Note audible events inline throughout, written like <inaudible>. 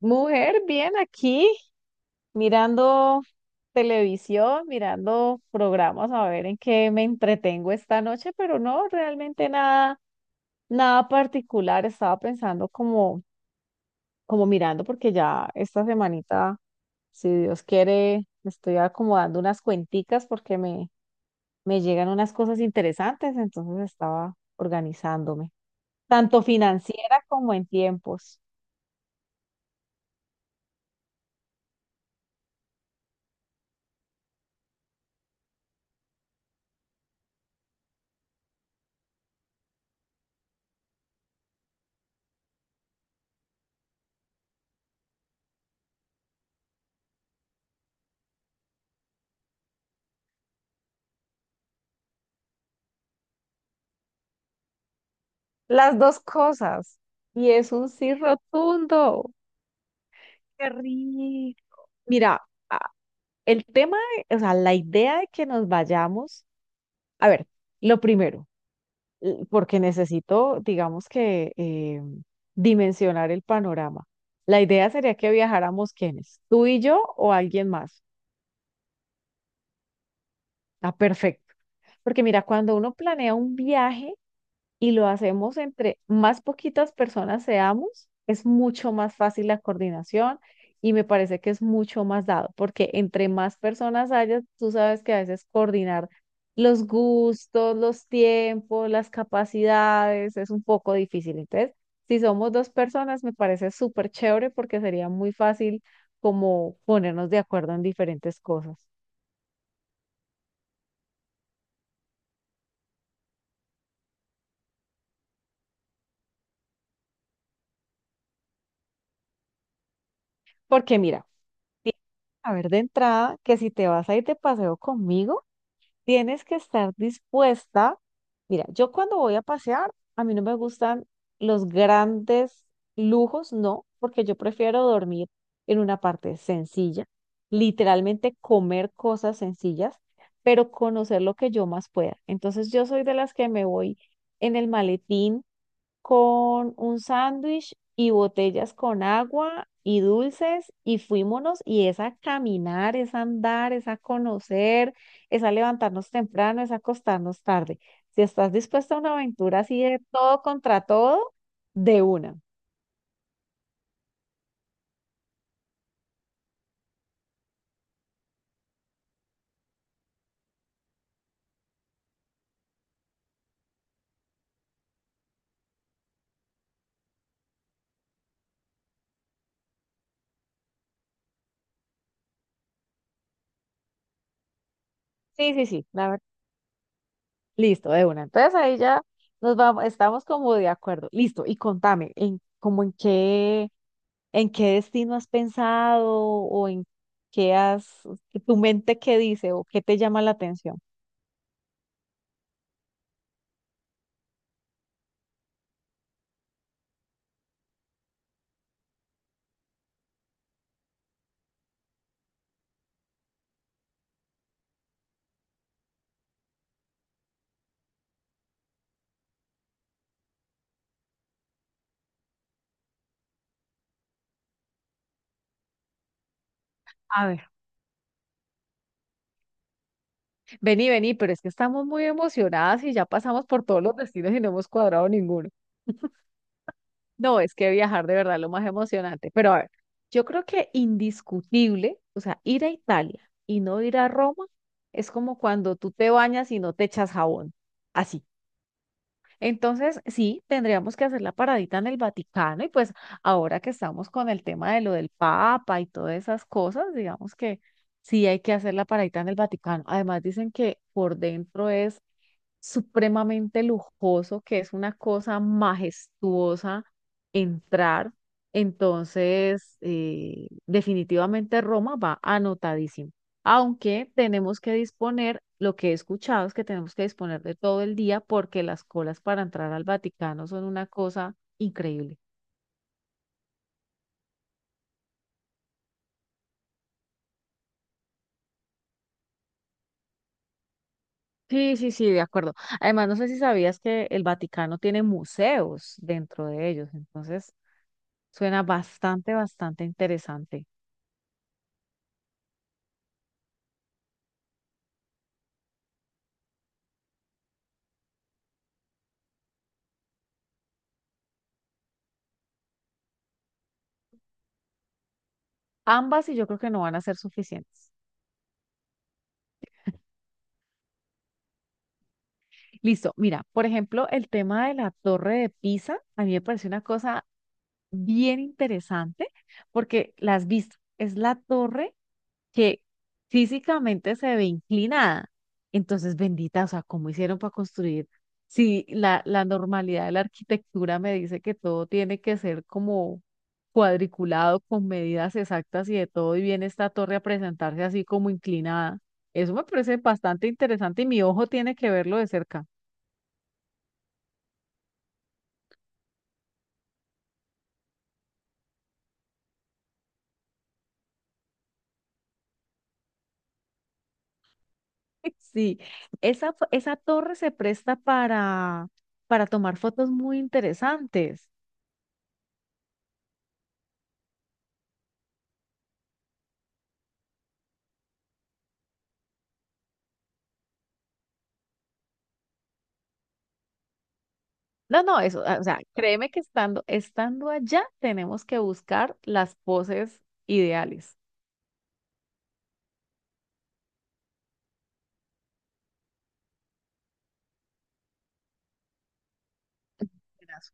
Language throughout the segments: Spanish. Mujer, bien aquí, mirando televisión, mirando programas, a ver en qué me entretengo esta noche, pero no, realmente nada, nada particular. Estaba pensando como mirando, porque ya esta semanita, si Dios quiere, estoy acomodando unas cuenticas me llegan unas cosas interesantes, entonces estaba organizándome, tanto financiera como en tiempos. Las dos cosas. Y es un sí rotundo. Qué rico. Mira, a- el tema, o sea, la idea de que nos vayamos, a ver, lo primero, porque necesito, digamos que, dimensionar el panorama. La idea sería que viajáramos quiénes, ¿tú y yo o alguien más? Ah, perfecto. Porque mira, cuando uno planea un viaje, y lo hacemos entre más poquitas personas seamos, es mucho más fácil la coordinación, y me parece que es mucho más dado, porque entre más personas hayas, tú sabes que a veces coordinar los gustos, los tiempos, las capacidades es un poco difícil. Entonces, si somos dos personas, me parece súper chévere porque sería muy fácil como ponernos de acuerdo en diferentes cosas. Porque mira, tienes que saber de entrada que si te vas a ir de paseo conmigo, tienes que estar dispuesta. Mira, yo cuando voy a pasear, a mí no me gustan los grandes lujos, no, porque yo prefiero dormir en una parte sencilla, literalmente comer cosas sencillas, pero conocer lo que yo más pueda. Entonces yo soy de las que me voy en el maletín con un sándwich y botellas con agua y dulces y fuímonos y es a caminar, es a andar, es a conocer, es a levantarnos temprano, es a acostarnos tarde. Si estás dispuesta a una aventura así de todo contra todo, de una. Sí, sí, sí, listo, de una. Entonces ahí ya nos vamos, estamos como de acuerdo. Listo, y contame, ¿en qué destino has pensado o en qué has, tu mente qué dice o qué te llama la atención? A ver, vení, pero es que estamos muy emocionadas y ya pasamos por todos los destinos y no hemos cuadrado ninguno. No, es que viajar de verdad es lo más emocionante. Pero a ver, yo creo que indiscutible, o sea, ir a Italia y no ir a Roma es como cuando tú te bañas y no te echas jabón. Así. Entonces, sí, tendríamos que hacer la paradita en el Vaticano y pues ahora que estamos con el tema de lo del Papa y todas esas cosas, digamos que sí hay que hacer la paradita en el Vaticano. Además, dicen que por dentro es supremamente lujoso, que es una cosa majestuosa entrar. Entonces, definitivamente Roma va anotadísimo. Aunque tenemos que disponer, lo que he escuchado es que tenemos que disponer de todo el día porque las colas para entrar al Vaticano son una cosa increíble. Sí, sí, sí, de acuerdo. Además, no sé si sabías que el Vaticano tiene museos dentro de ellos, entonces suena bastante, bastante interesante. Ambas y yo creo que no van a ser suficientes. Listo, mira, por ejemplo, el tema de la torre de Pisa, a mí me parece una cosa bien interesante porque las vistas, es la torre que físicamente se ve inclinada. Entonces, bendita, o sea, ¿cómo hicieron para construir? Si la normalidad de la arquitectura me dice que todo tiene que ser como cuadriculado, con medidas exactas y de todo, y viene esta torre a presentarse así como inclinada. Eso me parece bastante interesante y mi ojo tiene que verlo de cerca. <laughs> Sí, esa torre se presta para tomar fotos muy interesantes. No, no, eso, ah, o sea, créeme que estando allá tenemos que buscar las poses ideales. Verás.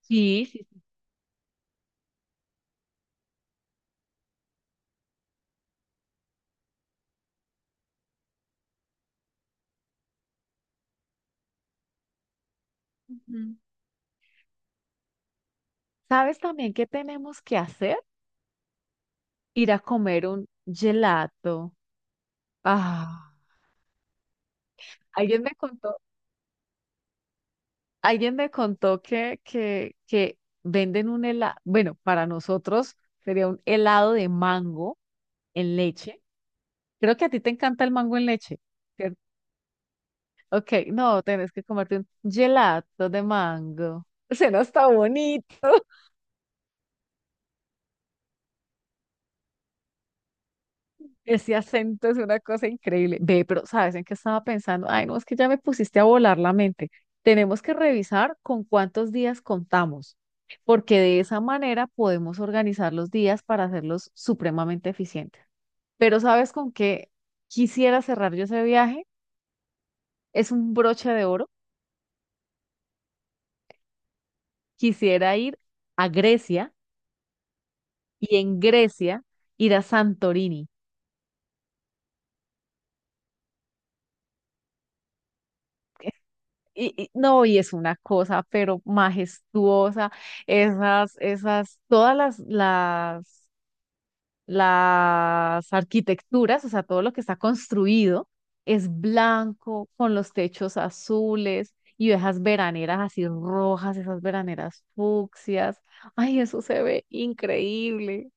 Sí, sí. Ujú. ¿Sabes también qué tenemos que hacer? Ir a comer un gelato. Ah, alguien me contó, alguien me contó que venden un helado, bueno, para nosotros sería un helado de mango en leche. Creo que a ti te encanta el mango en leche, ¿cierto? Ok, no, tenés que comerte un gelato de mango. Suena hasta bonito. <laughs> Ese acento es una cosa increíble. Ve, pero ¿sabes en qué estaba pensando? Ay, no, es que ya me pusiste a volar la mente. Tenemos que revisar con cuántos días contamos, porque de esa manera podemos organizar los días para hacerlos supremamente eficientes. Pero ¿sabes con qué quisiera cerrar yo ese viaje? Es un broche de oro. Quisiera ir a Grecia y en Grecia ir a Santorini. No, y es una cosa, pero majestuosa, todas las arquitecturas, o sea, todo lo que está construido es blanco, con los techos azules y esas veraneras así rojas, esas veraneras fucsias. Ay, eso se ve increíble.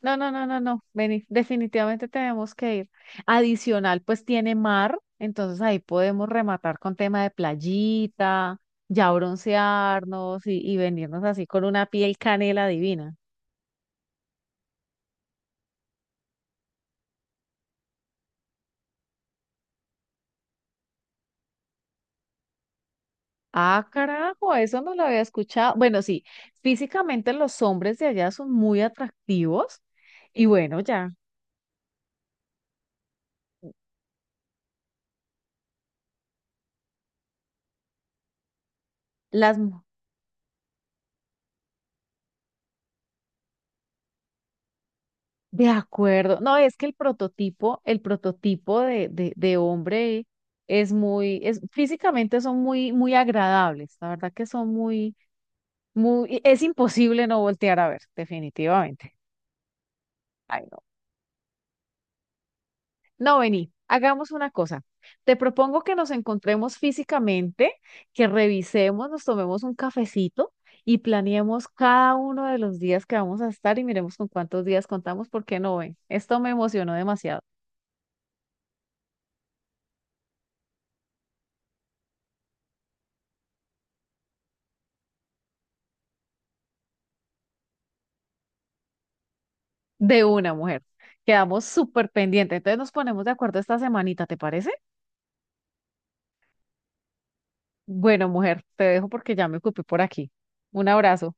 No, no, no, no, no. Vení, definitivamente tenemos que ir. Adicional, pues tiene mar, entonces ahí podemos rematar con tema de playita, ya broncearnos y venirnos así con una piel canela divina. Ah, carajo, eso no lo había escuchado. Bueno, sí, físicamente los hombres de allá son muy atractivos y bueno, ya. Las mujeres. De acuerdo. No, es que el prototipo de hombre es muy, es, físicamente son muy, muy agradables. La verdad que son muy, muy, es imposible no voltear a ver, definitivamente. Ay, no. No, vení, hagamos una cosa. Te propongo que nos encontremos físicamente, que revisemos, nos tomemos un cafecito y planeemos cada uno de los días que vamos a estar y miremos con cuántos días contamos, porque no, ven, esto me emocionó demasiado. De una mujer. Quedamos súper pendientes. Entonces nos ponemos de acuerdo esta semanita, ¿te parece? Bueno, mujer, te dejo porque ya me ocupé por aquí. Un abrazo.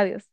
Adiós.